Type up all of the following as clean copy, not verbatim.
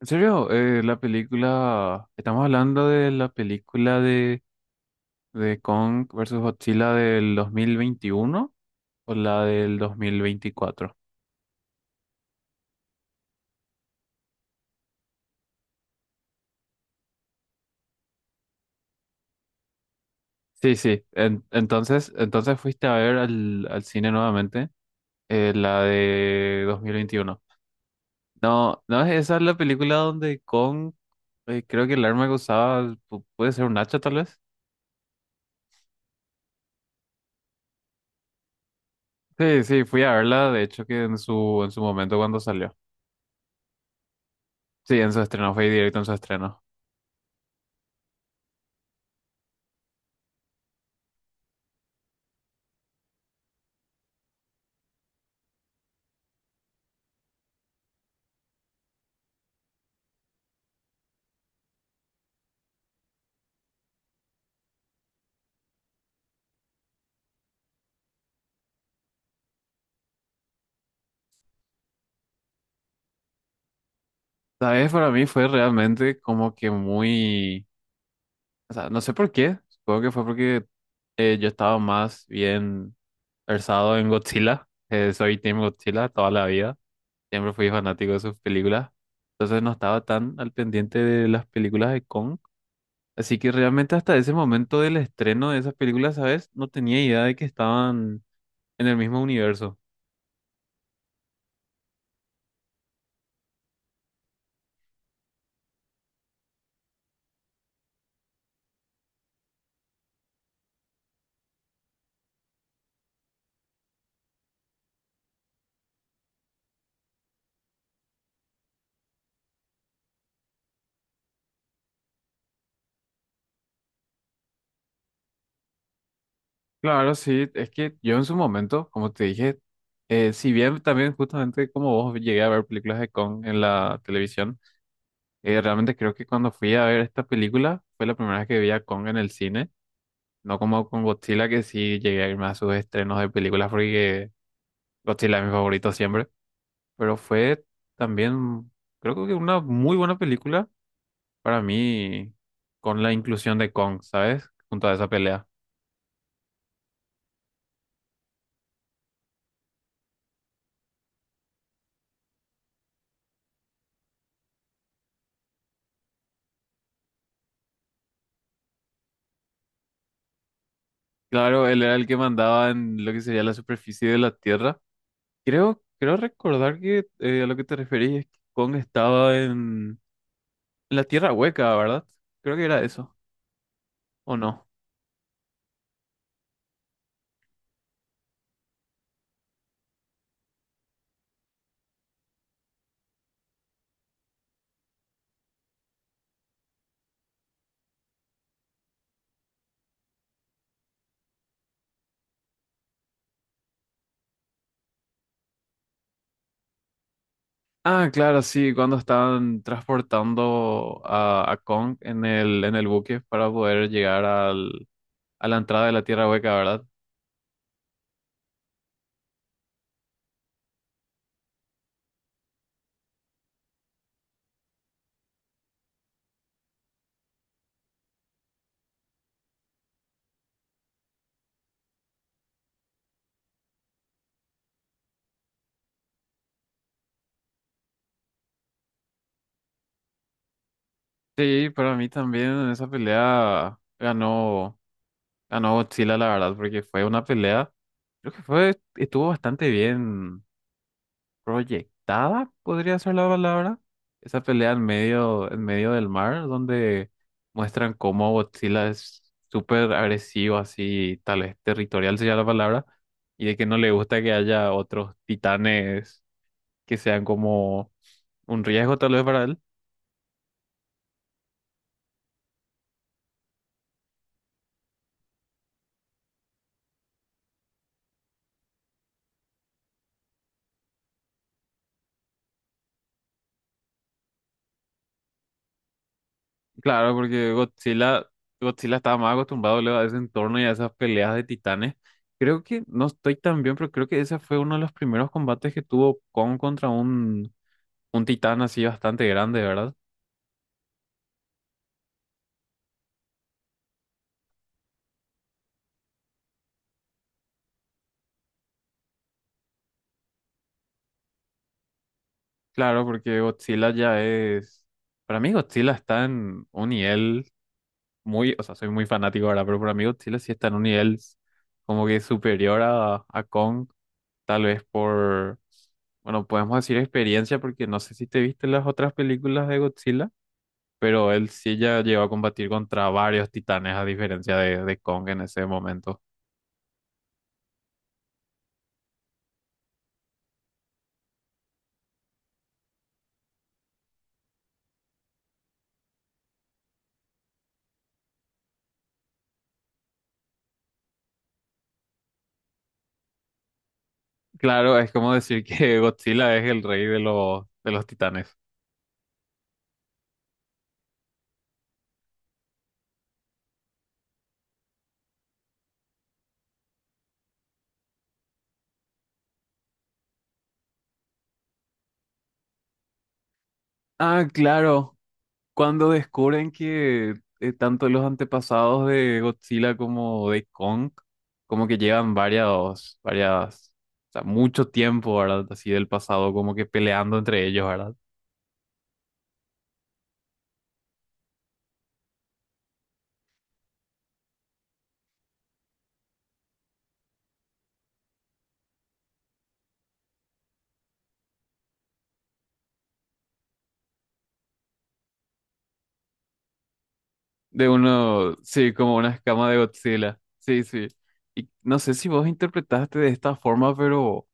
En serio, la película, estamos hablando de la película de Kong versus Godzilla del 2021 o la del 2024. Entonces fuiste a ver al cine nuevamente, la de 2021. No, no es esa la película donde Kong, creo que el arma que usaba puede ser un hacha tal vez. Sí, sí, fui a verla, de hecho que en su momento cuando salió. Sí, en su estreno, fue directo en su estreno. ¿Sabes? Para mí fue realmente como que muy, o sea, no sé por qué, supongo que fue porque yo estaba más bien versado en Godzilla, soy Team Godzilla toda la vida, siempre fui fanático de sus películas, entonces no estaba tan al pendiente de las películas de Kong, así que realmente hasta ese momento del estreno de esas películas, ¿sabes? No tenía idea de que estaban en el mismo universo. Claro, sí, es que yo en su momento, como te dije, si bien también justamente como vos llegué a ver películas de Kong en la televisión, realmente creo que cuando fui a ver esta película fue la primera vez que vi a Kong en el cine, no como con Godzilla que sí llegué a irme a sus estrenos de películas porque Godzilla es mi favorito siempre, pero fue también creo que una muy buena película para mí con la inclusión de Kong, ¿sabes? Junto a esa pelea. Claro, él era el que mandaba en lo que sería la superficie de la Tierra. Creo recordar que a lo que te referís es que Kong estaba en la Tierra Hueca, ¿verdad? Creo que era eso, ¿o no? Ah, claro, sí, cuando estaban transportando a Kong en en el buque para poder llegar a la entrada de la Tierra Hueca, ¿verdad? Sí, para mí también en esa pelea ganó, ganó Godzilla, la verdad, porque fue una pelea, creo que fue, estuvo bastante bien proyectada, podría ser la palabra. Esa pelea en medio del mar, donde muestran cómo Godzilla es súper agresivo, así, tal vez territorial sería la palabra, y de que no le gusta que haya otros titanes que sean como un riesgo tal vez para él. Claro, porque Godzilla estaba más acostumbrado luego a ese entorno y a esas peleas de titanes. Creo que, no estoy tan bien, pero creo que ese fue uno de los primeros combates que tuvo Kong contra un titán así bastante grande, ¿verdad? Claro, porque Godzilla ya es... Para mí Godzilla está en un nivel muy... O sea, soy muy fanático ahora, pero para mí Godzilla sí está en un nivel como que superior a Kong, tal vez por... Bueno, podemos decir experiencia porque no sé si te viste las otras películas de Godzilla, pero él sí ya llegó a combatir contra varios titanes a diferencia de Kong en ese momento. Claro, es como decir que Godzilla es el rey de de los titanes. Ah, claro. Cuando descubren que tanto los antepasados de Godzilla como de Kong, como que llevan varias, o sea, mucho tiempo, ¿verdad? Así del pasado, como que peleando entre ellos, ¿verdad? De uno, sí, como una escama de Godzilla. Sí, sí. Y no sé si vos interpretaste de esta forma, pero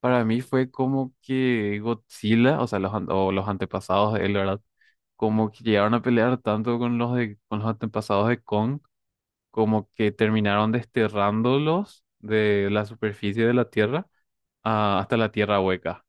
para mí fue como que Godzilla, o sea, los, an- o los antepasados de él, ¿verdad? Como que llegaron a pelear tanto con los con los antepasados de Kong como que terminaron desterrándolos de la superficie de la Tierra hasta la Tierra hueca.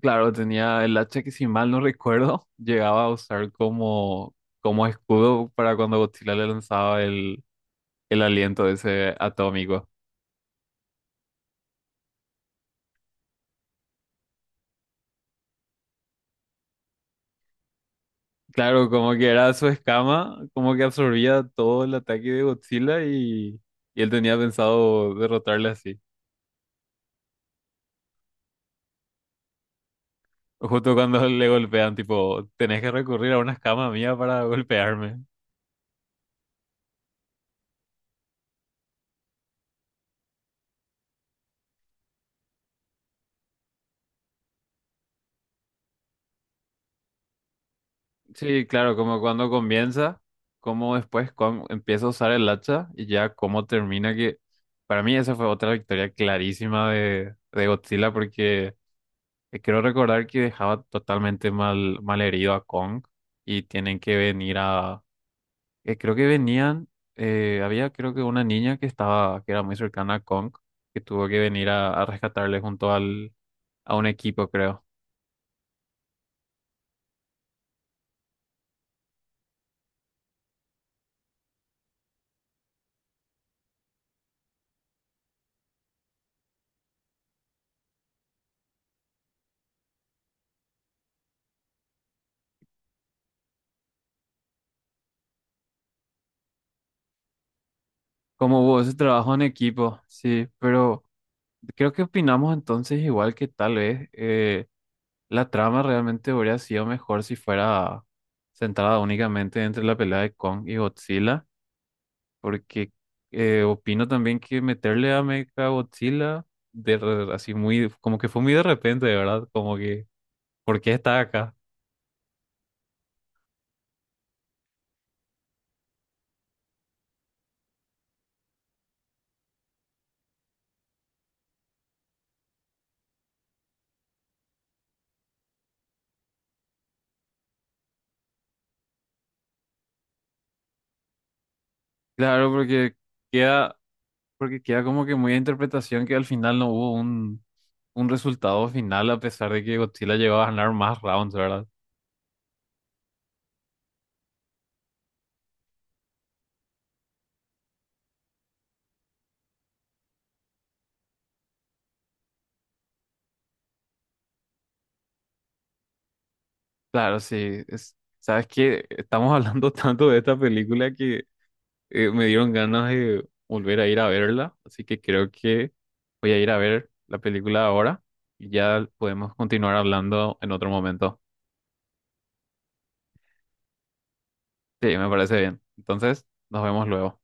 Claro, tenía el hacha que si mal no recuerdo, llegaba a usar como, como escudo para cuando Godzilla le lanzaba el aliento ese atómico. Claro, como que era su escama, como que absorbía todo el ataque de Godzilla y él tenía pensado derrotarle así. Justo cuando le golpean, tipo, tenés que recurrir a una escama mía para golpearme. Sí, claro, como cuando comienza, como después empieza a usar el hacha y ya cómo termina que para mí esa fue otra victoria clarísima de Godzilla porque creo recordar que dejaba totalmente mal, mal herido a Kong y tienen que venir a creo que venían había creo que una niña que estaba que era muy cercana a Kong que tuvo que venir a rescatarle junto al a un equipo, creo. Como hubo ese trabajo en equipo, sí, pero creo que opinamos entonces igual que tal vez la trama realmente hubiera sido mejor si fuera centrada únicamente entre la pelea de Kong y Godzilla, porque opino también que meterle a Mecha Godzilla así muy, como que fue muy de repente, de verdad, como que, ¿por qué está acá? Claro, porque queda, porque queda como que muy a interpretación que al final no hubo un resultado final a pesar de que Godzilla llegó a ganar más rounds, ¿verdad? Claro, sí. Es- sabes que estamos hablando tanto de esta película que me dieron ganas de volver a ir a verla, así que creo que voy a ir a ver la película ahora y ya podemos continuar hablando en otro momento. Sí, me parece bien. Entonces, nos vemos luego.